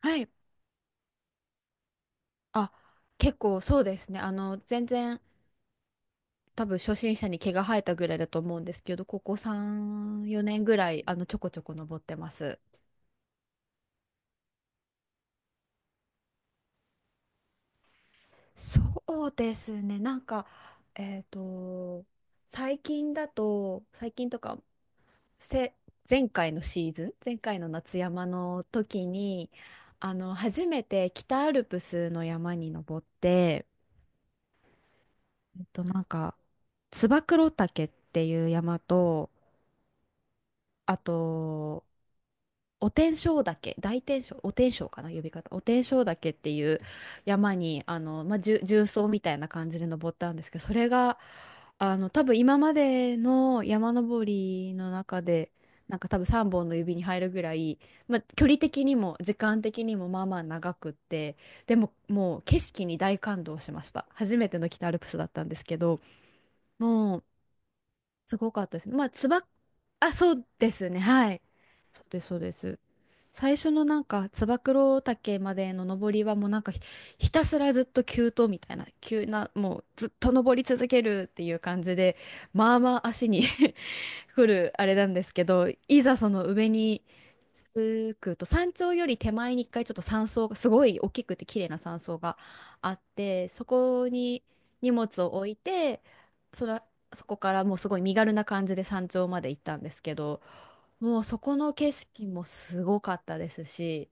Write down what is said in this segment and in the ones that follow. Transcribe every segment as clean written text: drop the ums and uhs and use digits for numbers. はい。あ、結構そうですね。全然多分初心者に毛が生えたぐらいだと思うんですけど、ここ3、4年ぐらい、ちょこちょこ登ってます。そうですね。なんか、えっと、最近だと、最近とか、せ、前回のシーズン、前回の夏山の時に、初めて北アルプスの山に登って、なんか、燕岳っていう山と、あと、お天正岳、大天正、お天正かな、呼び方。お天正岳っていう山に、まあ、重重曹みたいな感じで登ったんですけど、それが、多分今までの山登りの中で、なんか多分3本の指に入るぐらい、まあ、距離的にも時間的にもまあまあ長くって、でももう景色に大感動しました。初めての北アルプスだったんですけど、もうすごかったですね。まあ、あ、そうですね、はい。そうです、そうです。最初のなんか、つば九郎岳までの登りはもう、なんかひたすらずっと急登みたいな、急な、もうずっと登り続けるっていう感じで、まあまあ足に 来るあれなんですけど、いざその上に着くと、山頂より手前に一回ちょっと山荘が、すごい大きくて綺麗な山荘があって、そこに荷物を置いて、そら、そこからもうすごい身軽な感じで山頂まで行ったんですけど、もうそこの景色もすごかったですし、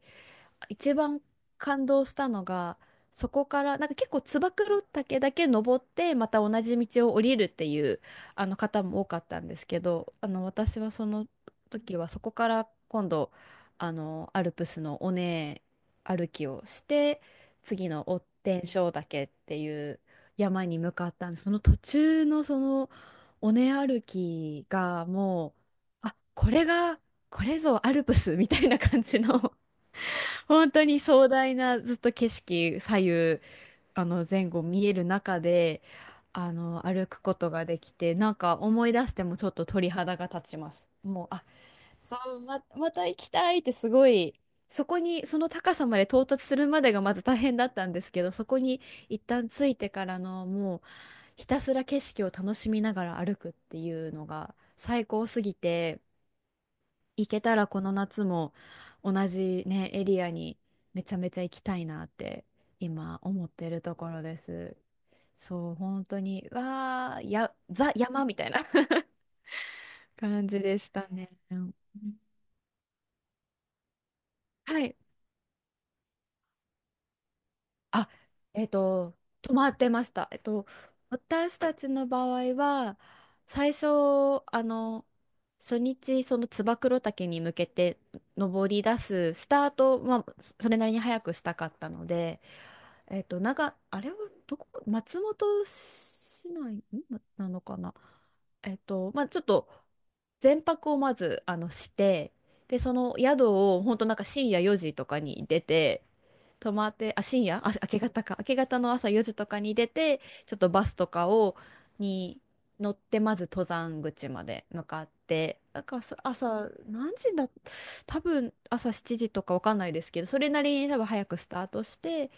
一番感動したのが、そこから、なんか結構つば九郎岳だけ登って、また同じ道を降りるっていう、あの方も多かったんですけど、私はその時はそこから今度、アルプスの尾根歩きをして、次の追天正岳っていう山に向かったんです。その途中のその尾根歩きがもう、あ、これぞアルプスみたいな感じの、本当に壮大なずっと景色、左右、前後見える中で、歩くことができて、なんか思い出してもちょっと鳥肌が立ちます。もう、あ、そう、また行きたいってすごい。そこにその高さまで到達するまでがまた大変だったんですけど、そこに一旦着いてからの、もうひたすら景色を楽しみながら歩くっていうのが最高すぎて。行けたらこの夏も同じね、エリアにめちゃめちゃ行きたいなって今思ってるところです。そう、本当に、わー、や、ザ山みたいな 感じでしたね。うん、はい。あ、えっと、泊まってました。私たちの場合は、最初、あの、初日、その燕岳に向けて登り出すスタート、まあ、それなりに早くしたかったので、あれはどこ、松本市内んななのかな。まあ、ちょっと、前泊をまず、して、で、その宿を、本当なんか深夜4時とかに出て、泊まって、あ、深夜、あ、明け方か。明け方の朝4時とかに出て、ちょっとバスとかに乗って、まず登山口まで向かって、なんか朝、何時だ、多分朝7時とかわかんないですけど、それなりに多分早くスタートして、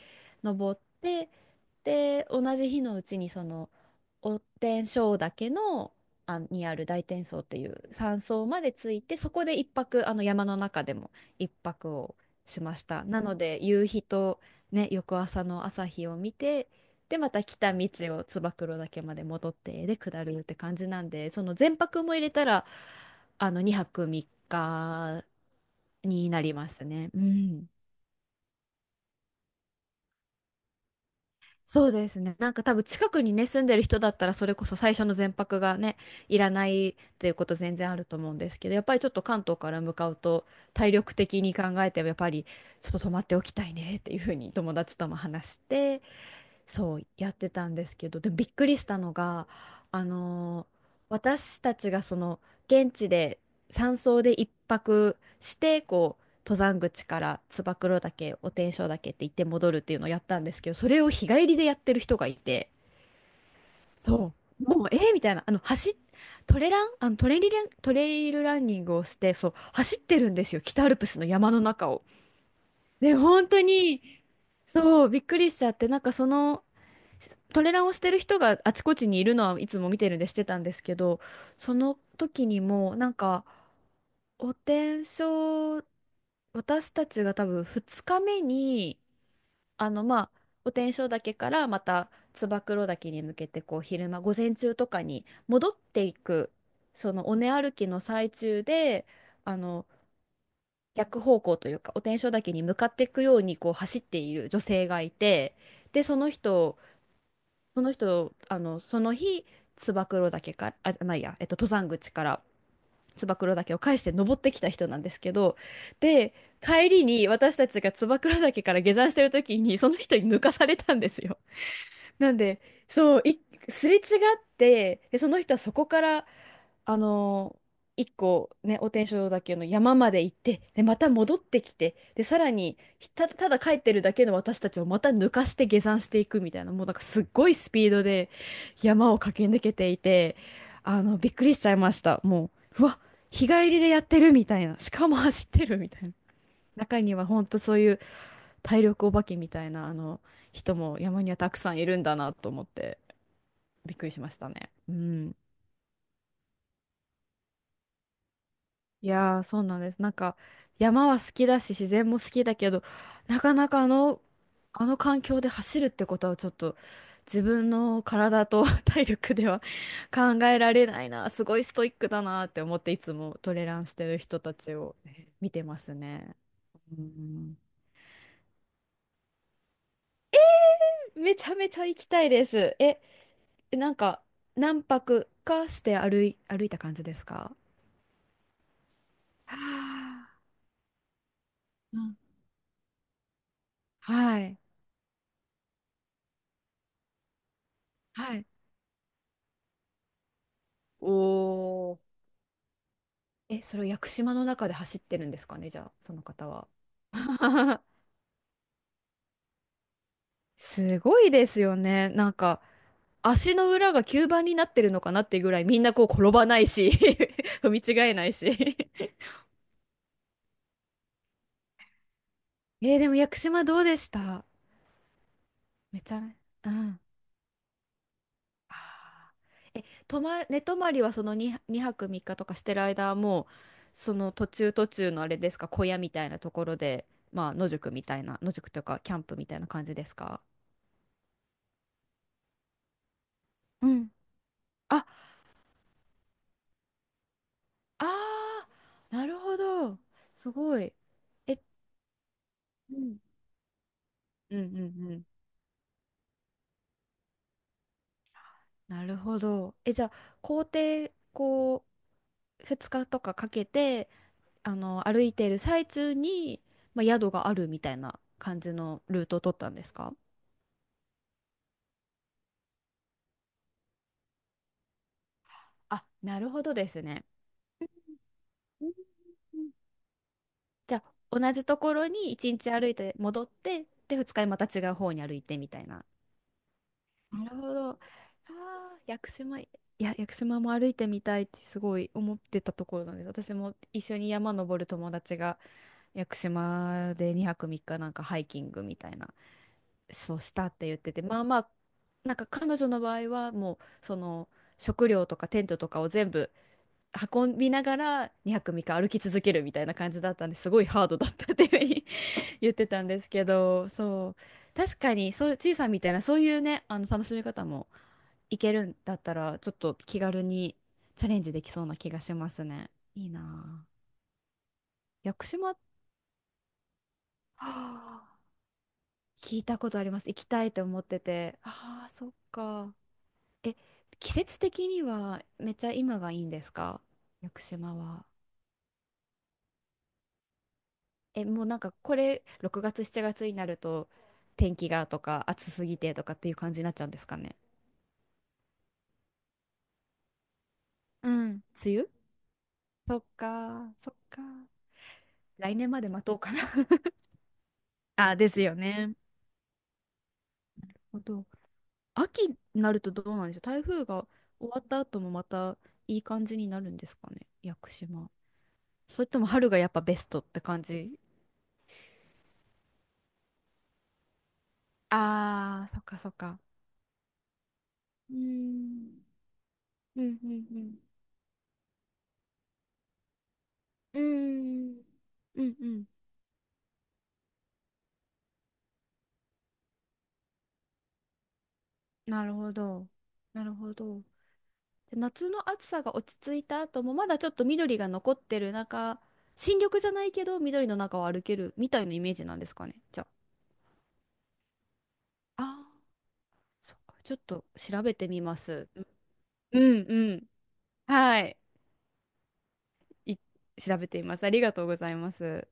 登って、で、同じ日のうちにその、お天正岳にある大天荘っていう山荘まで着いて、そこで一泊、あの山の中でも一泊をしました。なので夕日とね、翌朝の朝日を見て、でまた来た道を燕岳まで戻ってで下るって感じなんで、その全泊も入れたら2泊3日になりますね。うん。そうですね。なんか多分近くにね、住んでる人だったらそれこそ最初の全泊がね、いらないっていうこと全然あると思うんですけど、やっぱりちょっと関東から向かうと体力的に考えてもやっぱりちょっと泊まっておきたいねっていうふうに友達とも話して、そうやってたんですけど、でびっくりしたのが、あのー私たちがその現地で山荘で一泊して、こう登山口から燕岳お天正岳って行って戻るっていうのをやったんですけど、それを日帰りでやってる人がいて、そうもう、えー、みたいな、あの走トレラン、トレイルランニングをして、そう走ってるんですよ、北アルプスの山の中を。で本当にそう、びっくりしちゃって、なんかそのトレランをしてる人があちこちにいるのはいつも見てるんでしてたんですけど、その時にもなんかお天正、私たちが多分2日目に、まあ、お天正岳からまた燕岳に向けて、こう昼間午前中とかに戻っていく、その尾根歩きの最中で、あの逆方向というかお天正岳に向かっていくようにこう走っている女性がいて、で、その人、その日、燕岳から、あ、じゃないや、えっと、登山口から燕岳を返して登ってきた人なんですけど、で、帰りに私たちが燕岳から下山してる時に、その人に抜かされたんですよ。なんで、そう、すれ違って、でその人はそこから、あのー一個ね、お天正だけの山まで行って、で、また戻ってきて、で、さらに、ただ帰ってるだけの私たちをまた抜かして下山していくみたいな、もうなんかすっごいスピードで山を駆け抜けていて、びっくりしちゃいました。もう、うわ、日帰りでやってるみたいな、しかも走ってるみたいな。中にはほんとそういう体力お化けみたいな、人も山にはたくさんいるんだなと思って、びっくりしましたね。うん。いやー、そうなんです。なんか、山は好きだし、自然も好きだけど、なかなかあの環境で走るってことはちょっと、自分の体と 体力では 考えられないな。すごいストイックだなって思って、いつもトレランしてる人たちをね見てますね。うん、めちゃめちゃ行きたいです。え、なんか、何泊かして歩いた感じですか？はあ、うん、はい。はい。お、ーえ、それを屋久島の中で走ってるんですかね、じゃあ、その方は。すごいですよね。なんか、足の裏が吸盤になってるのかなっていうぐらい、みんなこう転ばないし 踏み違えないし えー、でも屋久島どうでした？めちゃめ、うん。あー、え、寝泊まりはその2泊3日とかしてる間はもう、その途中途中のあれですか、小屋みたいなところで、まあ、野宿みたいな、野宿というか、キャンプみたいな感じですか？うん。あ、あ、あ、なるほど。すごい。え、うん、うんうんうん。なるほど。え、じゃあ、こう、2日とかかけて、歩いている最中に、まあ、宿があるみたいな感じのルートを取ったんですか？あ、なるほどですね。うんうん、じゃあ、同じところに1日歩いて戻って、で、2日にまた違う方に歩いてみたいな。なるほど。ああ、屋久島、いや、屋久島も歩いてみたいってすごい思ってたところなんです。私も一緒に山登る友達が屋久島で2泊3日なんかハイキングみたいな、そうしたって言ってて、まあまあ、なんか彼女の場合はもう、その食料とかテントとかを全部運びながら2泊3日歩き続けるみたいな感じだったんですごいハードだったっていう言ってたんですけど、そう、確かに、そう、ちいさんみたいな、そういうね、楽しみ方もいけるんだったら、ちょっと気軽にチャレンジできそうな気がしますね。いいなあ。屋久島、はあ、聞いたことあります。行きたいと思ってて。ああ、そっか。え、季節的にはめっちゃ今がいいんですか？屋久島は。え、もうなんかこれ、6月、7月になると、天気がとか、暑すぎてとかっていう感じになっちゃうんですかね。うん。梅雨、そっか、そっか。来年まで待とうかな。 あ、ですよね。あと秋になるとどうなんでしょう。台風が終わった後もまたいい感じになるんですかね、屋久島。それとも春がやっぱベストって感じ？ああ、そっか、そっか。うーん。うん、うん、うん。うーん、うん、うん。なるほど。なるほど。で夏の暑さが落ち着いた後もまだちょっと緑が残ってる中、新緑じゃないけど緑の中を歩けるみたいなイメージなんですかね。じゃあ。ああ、そっか。ちょっと調べてみます。うんうん。はい。い調べてみます。ありがとうございます。